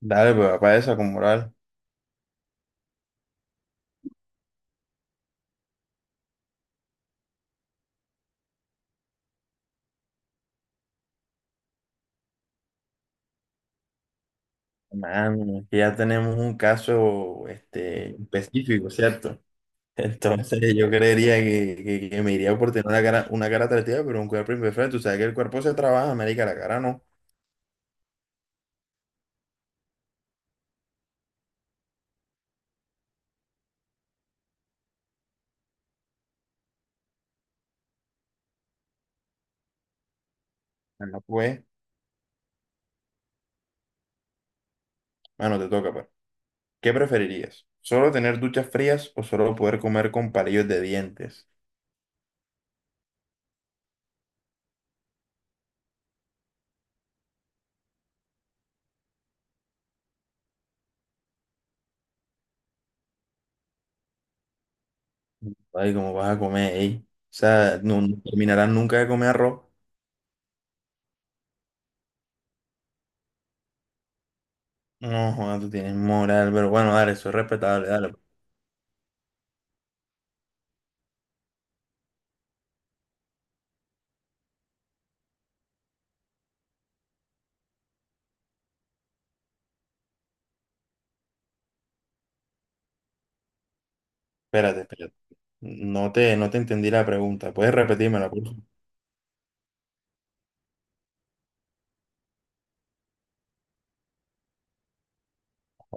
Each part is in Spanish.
Dale, pues para esa con moral. Mano, es que ya tenemos un caso este, específico, ¿cierto? Entonces yo creería que, que me iría por tener una cara atractiva, pero un cuerpo imperfecto. O sea, que el cuerpo se trabaja, marica, la cara no. No pues, mano, te toca, pues. ¿Qué preferirías? ¿Solo tener duchas frías o solo poder comer con palillos de dientes? Ay, ¿cómo vas a comer, ey? O sea, no, no terminarás nunca de comer arroz. No, joder, tú tienes moral, pero bueno, dale, eso es respetable, dale, pues. Espérate, espérate. No te entendí la pregunta. ¿Puedes repetírmela, por favor?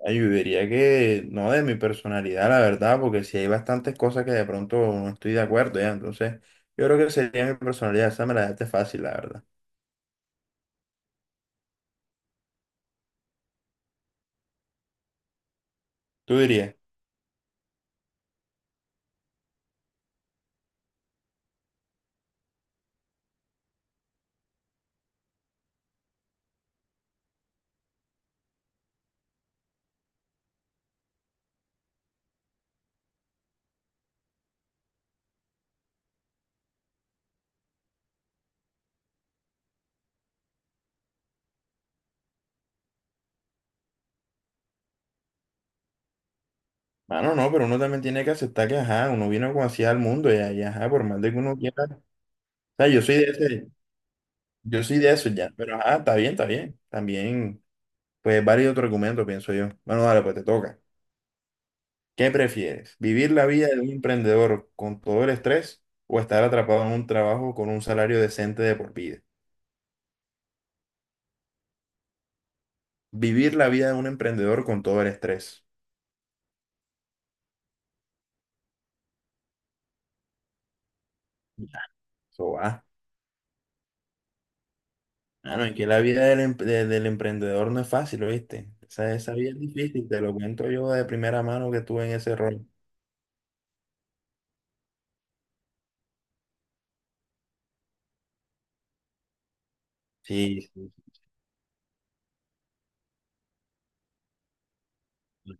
Ay, yo diría que no de mi personalidad, la verdad, porque si hay bastantes cosas que de pronto no estoy de acuerdo, ya. Entonces, yo creo que sería mi personalidad. Esa me la dejaste fácil, la verdad. Tú dirías, mano, no, pero uno también tiene que aceptar que, ajá, uno vino como así al mundo, ya, y ajá, por más de que uno quiera. O sea, yo soy de ese, yo soy de eso, ya. Pero, ajá, está bien, está bien. También, pues, varios otros argumentos, pienso yo. Bueno, dale, pues te toca. ¿Qué prefieres? ¿Vivir la vida de un emprendedor con todo el estrés o estar atrapado en un trabajo con un salario decente de por vida? Vivir la vida de un emprendedor con todo el estrés. Ya, eso va. Ah, no, es que la vida del, del emprendedor no es fácil, ¿oíste? Esa vida es difícil, te lo cuento yo de primera mano que estuve en ese rol. Sí, sí, sí, sí.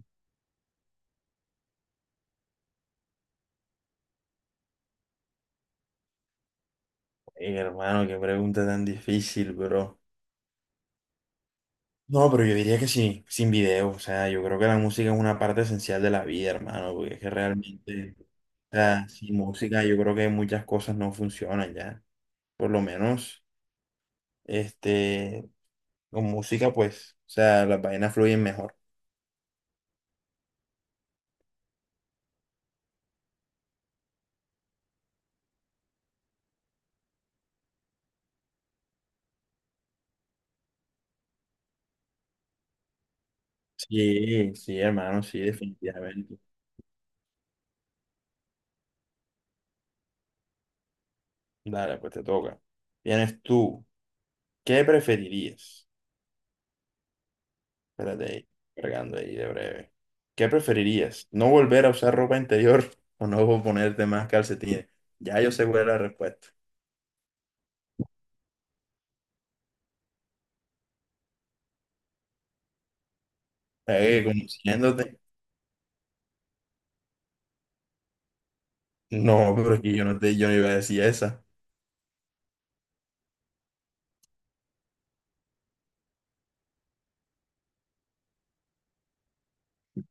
Ey, hermano, qué pregunta tan difícil, bro. No, pero yo diría que sí, sin video. O sea, yo creo que la música es una parte esencial de la vida, hermano, porque es que realmente sea, sin música yo creo que muchas cosas no funcionan ya. Por lo menos, este, con música, pues, o sea, las vainas fluyen mejor. Sí, sí, hermano, sí, definitivamente. Dale, pues te toca. Vienes tú. ¿Qué preferirías? Espérate ahí, cargando ahí de breve. ¿Qué preferirías? ¿No volver a usar ropa interior o no ponerte más calcetines? Ya yo sé cuál es la respuesta. Conociéndote. No, pero es que yo no iba a decir esa.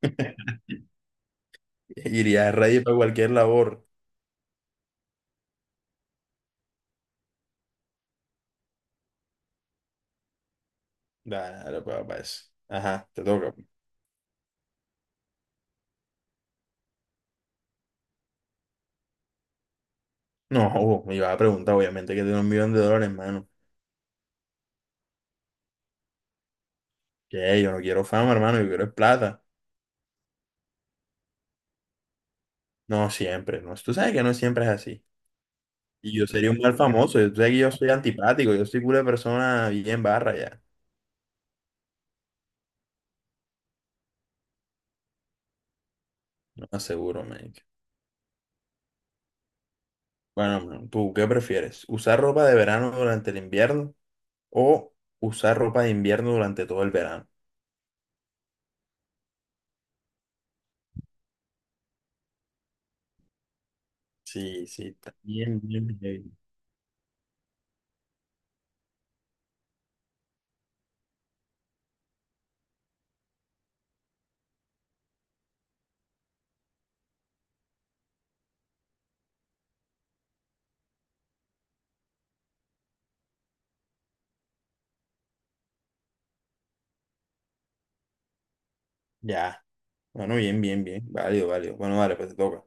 Iría a radio para cualquier labor. Dale, para eso. Ajá, te toca. No, oh, me iba a preguntar, obviamente, que tiene un millón de dólares, hermano. Que hey, yo no quiero fama, hermano, yo quiero es plata. No, siempre, no. Tú sabes que no siempre es así. Y yo sería un mal famoso, tú sabes que yo soy antipático, yo soy una persona bien barra ya. No aseguro, man. Bueno, man, ¿tú qué prefieres? ¿Usar ropa de verano durante el invierno o usar ropa de invierno durante todo el verano? Sí, sí, está bien, bien, bien. Ya. Bueno, bien, bien, bien. Válido, válido. Bueno, vale, pues te toca.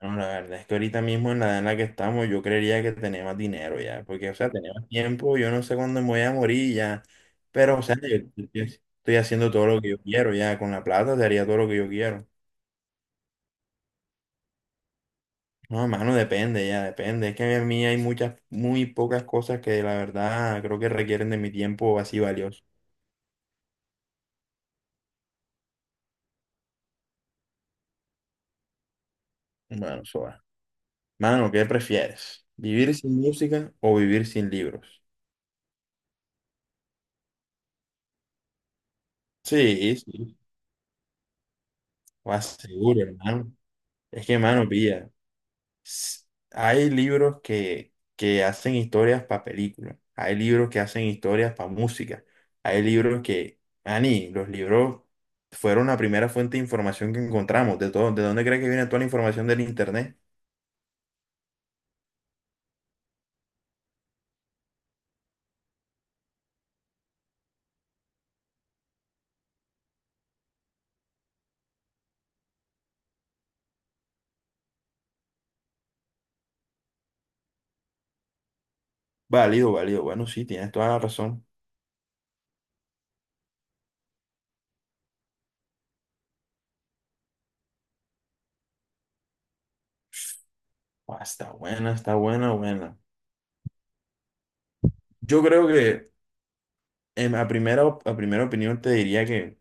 Bueno, la verdad es que ahorita mismo en la edad en la que estamos, yo creería que tenemos dinero ya. Porque, o sea, tenemos tiempo, yo no sé cuándo me voy a morir ya. Pero, o sea, yo yo estoy haciendo todo lo que yo quiero ya. Con la plata te haría todo lo que yo quiero. No, mano, depende ya, depende. Es que a mí hay muchas, muy pocas cosas que la verdad creo que requieren de mi tiempo así valioso. Bueno, Soa. Mano, ¿qué prefieres? ¿Vivir sin música o vivir sin libros? Sí, sí, lo aseguro, hermano. Es que, mano, pilla, s- hay libros que hacen historias para películas, hay libros que hacen historias para música, hay libros que, Ani, los libros fueron la primera fuente de información que encontramos, de todo, ¿de dónde crees que viene toda la información del internet? Válido, válido, bueno, sí, tienes toda la razón. Ah, está buena, buena. Yo creo que, en, a primera, a primera opinión te diría que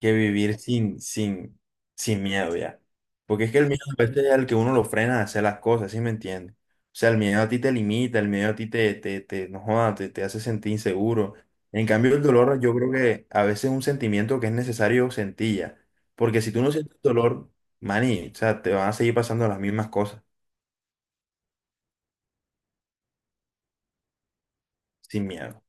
que vivir sin miedo ya. Porque es que el miedo a veces es el que uno lo frena a hacer las cosas, ¿sí me entiendes? O sea, el miedo a ti te limita, el miedo a ti te, no joda, te hace sentir inseguro. En cambio, el dolor yo creo que a veces es un sentimiento que es necesario sentir ya. Porque si tú no sientes dolor, maní, o sea, te van a seguir pasando las mismas cosas sin miedo.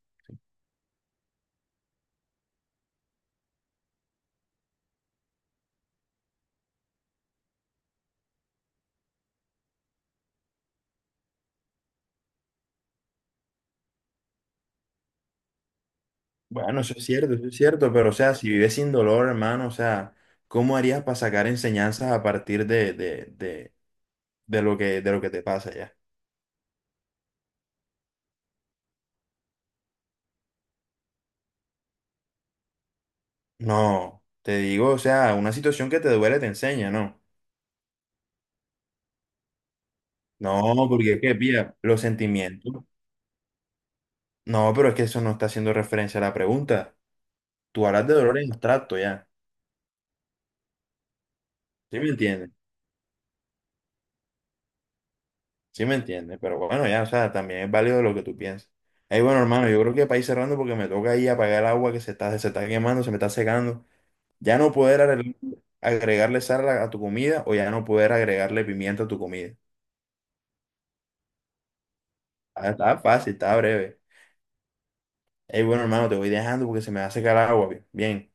Bueno, eso es cierto, pero o sea, si vives sin dolor, hermano, o sea, ¿cómo harías para sacar enseñanzas a partir de lo que, de lo que te pasa ya. No, te digo, o sea, una situación que te duele te enseña, ¿no? No, porque es que, pilla, los sentimientos. No, pero es que eso no está haciendo referencia a la pregunta. Tú hablas de dolor en abstracto ya. ¿Sí me entiendes? Sí me entiendes, pero bueno, ya, o sea, también es válido lo que tú piensas. Ahí bueno, hermano, yo creo que para ir cerrando porque me toca ahí apagar el agua que se está quemando, se me está secando. Ya no poder agregarle sal a tu comida o ya no poder agregarle pimienta a tu comida. Ah, está fácil, está breve. Ey, bueno, hermano, te voy dejando porque se me va a secar el agua. Bien.